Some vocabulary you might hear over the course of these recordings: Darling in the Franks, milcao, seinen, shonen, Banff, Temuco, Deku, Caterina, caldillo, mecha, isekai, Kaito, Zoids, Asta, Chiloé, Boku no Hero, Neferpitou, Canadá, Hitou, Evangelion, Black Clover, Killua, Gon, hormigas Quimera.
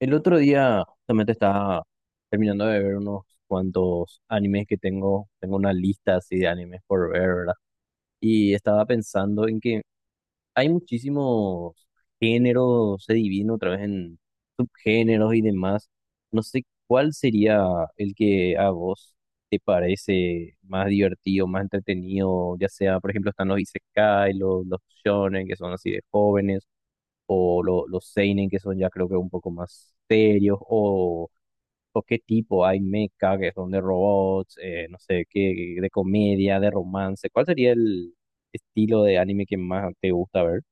El otro día justamente estaba terminando de ver unos cuantos animes que tengo una lista así de animes por ver, ¿verdad? Y estaba pensando en que hay muchísimos géneros, se divide otra vez en subgéneros y demás. No sé cuál sería el que a vos te parece más divertido, más entretenido, ya sea, por ejemplo, están los isekai, los shonen, que son así de jóvenes o los seinen que son ya creo que un poco más serios o qué tipo hay mecha que son de robots, no sé, qué de comedia, de romance. ¿Cuál sería el estilo de anime que más te gusta ver?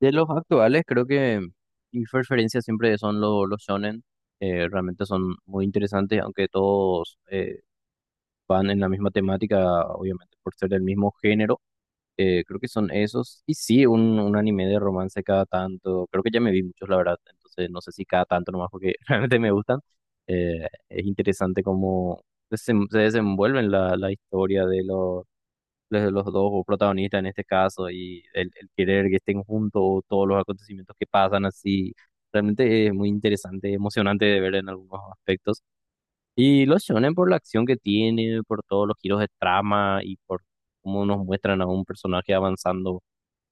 De los actuales, creo que mis preferencias siempre son los shonen. Realmente son muy interesantes, aunque todos van en la misma temática, obviamente por ser del mismo género. Creo que son esos. Y sí, un anime de romance cada tanto. Creo que ya me vi muchos, la verdad. Entonces, no sé si cada tanto nomás porque realmente me gustan. Es interesante cómo se desenvuelven la historia de los dos protagonistas en este caso y el querer que estén juntos, todos los acontecimientos que pasan así. Realmente es muy interesante, emocionante de ver en algunos aspectos. Y los shonen por la acción que tiene, por todos los giros de trama y por cómo nos muestran a un personaje avanzando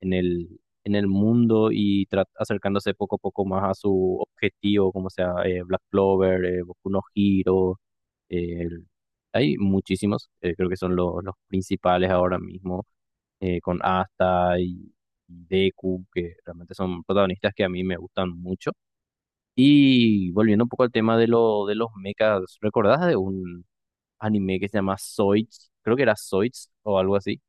en el, en el mundo y acercándose poco a poco más a su objetivo, como sea, Black Clover, Boku no Hero, eh, el- hay muchísimos, creo que son los principales ahora mismo, con Asta y Deku, que realmente son protagonistas que a mí me gustan mucho. Y volviendo un poco al tema de lo de los mechas, ¿recordás de un anime que se llama Zoids? Creo que era Zoids o algo así.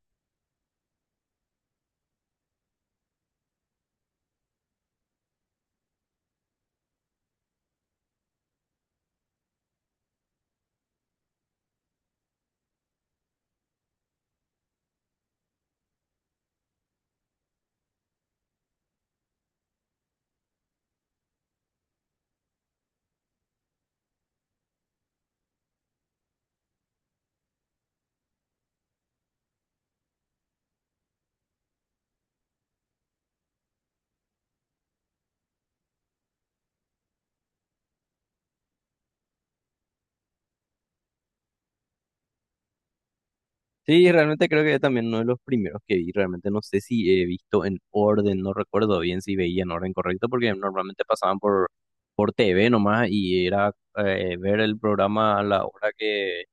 Sí, realmente creo que también uno de los primeros que vi. Realmente no sé si he visto en orden, no recuerdo bien si veía en orden correcto, porque normalmente pasaban por TV nomás y era ver el programa a la hora que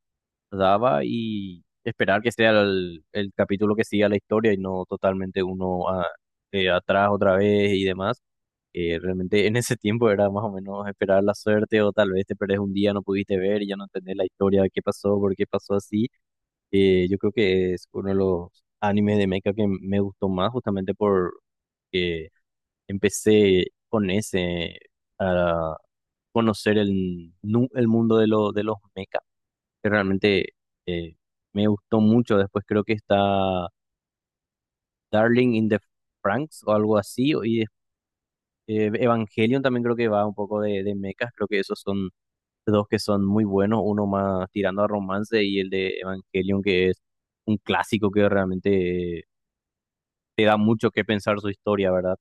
daba y esperar que sea el capítulo que siga la historia y no totalmente uno atrás otra vez y demás. Realmente en ese tiempo era más o menos esperar la suerte o tal vez te perdés un día, no pudiste ver y ya no entendés la historia, qué pasó, por qué pasó así. Yo creo que es uno de los animes de mecha que me gustó más justamente por que empecé con ese a conocer el mundo de los mecha, que realmente, eh, me gustó mucho. Después creo que está Darling in the Franks o algo así. Evangelion también creo que va un poco de mechas, creo que esos son dos que son muy buenos, uno más tirando a romance y el de Evangelion que es un clásico que realmente te da mucho que pensar su historia, ¿verdad?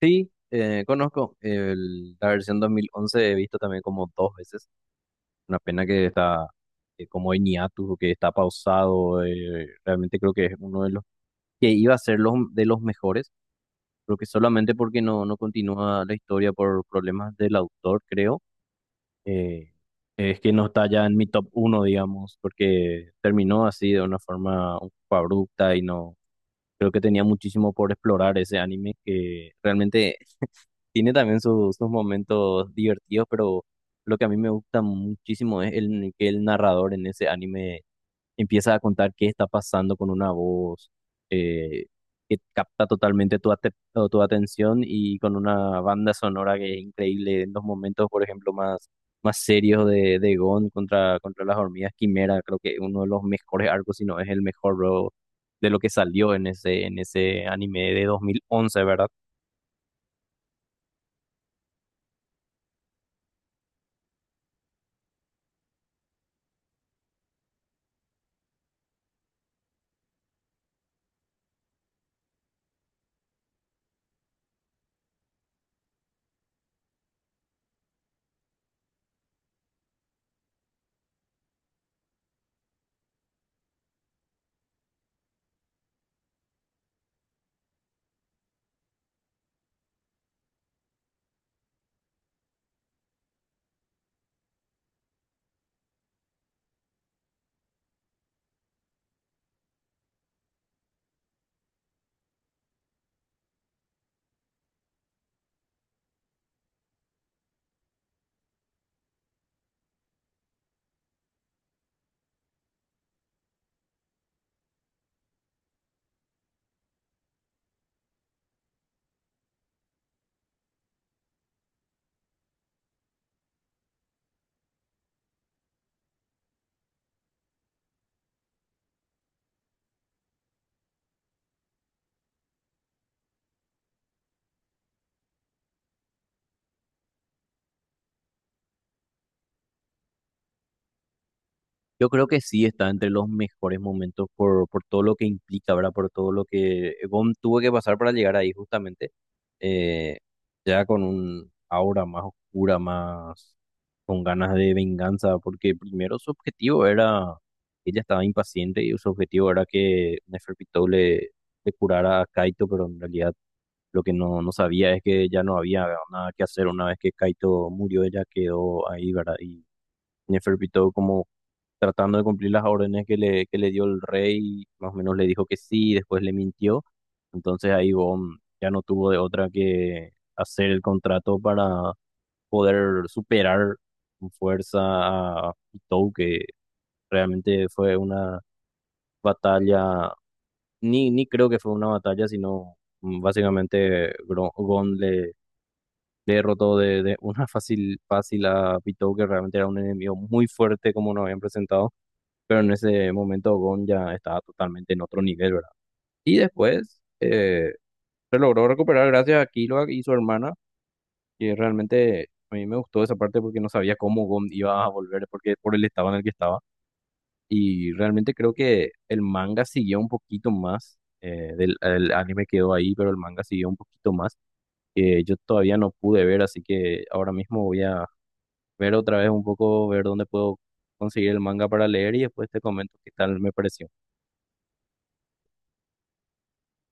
Sí, conozco la versión 2011, he visto también como dos veces, una pena que está como en hiatus, que está pausado. Realmente creo que es uno de los que iba a ser de los mejores, creo que solamente porque no continúa la historia por problemas del autor, creo, eh, es que no está ya en mi top uno, digamos, porque terminó así de una forma un poco abrupta y no creo que tenía muchísimo por explorar ese anime que realmente tiene también sus momentos divertidos, pero lo que a mí me gusta muchísimo es el, que el narrador en ese anime empieza a contar qué está pasando con una voz, eh, que capta totalmente tu atención, y con una banda sonora que es increíble en los momentos, por ejemplo, más, más serios de Gon contra las hormigas Quimera. Creo que uno de los mejores arcos, si no es el mejor, bro, de lo que salió en ese anime de 2011, ¿verdad? Yo creo que sí está entre los mejores momentos por todo lo que implica, ¿verdad? Por todo lo que Gon tuvo que pasar para llegar ahí justamente, eh, ya con un aura más oscura, más con ganas de venganza, porque primero su objetivo era, ella estaba impaciente y su objetivo era que Neferpitou le curara a Kaito, pero en realidad lo que no sabía es que ya no había nada que hacer. Una vez que Kaito murió, ella quedó ahí, ¿verdad? Y Neferpitou, como tratando de cumplir las órdenes que le dio el rey, más o menos le dijo que sí, después le mintió. Entonces ahí Gon ya no tuvo de otra que hacer el contrato para poder superar con fuerza a Hitou, que realmente fue una batalla. Ni creo que fue una batalla, sino básicamente Gon le derrotó de una fácil, fácil a Pitou, que realmente era un enemigo muy fuerte como nos habían presentado, pero en ese momento Gon ya estaba totalmente en otro nivel, ¿verdad? Y después, se logró recuperar gracias a Killua y su hermana, y realmente a mí me gustó esa parte porque no sabía cómo Gon iba a volver, porque, por el estado en el que estaba. Y realmente creo que el manga siguió un poquito más, el anime quedó ahí, pero el manga siguió un poquito más, que yo todavía no pude ver, así que ahora mismo voy a ver otra vez un poco, ver dónde puedo conseguir el manga para leer y después te comento qué tal me pareció.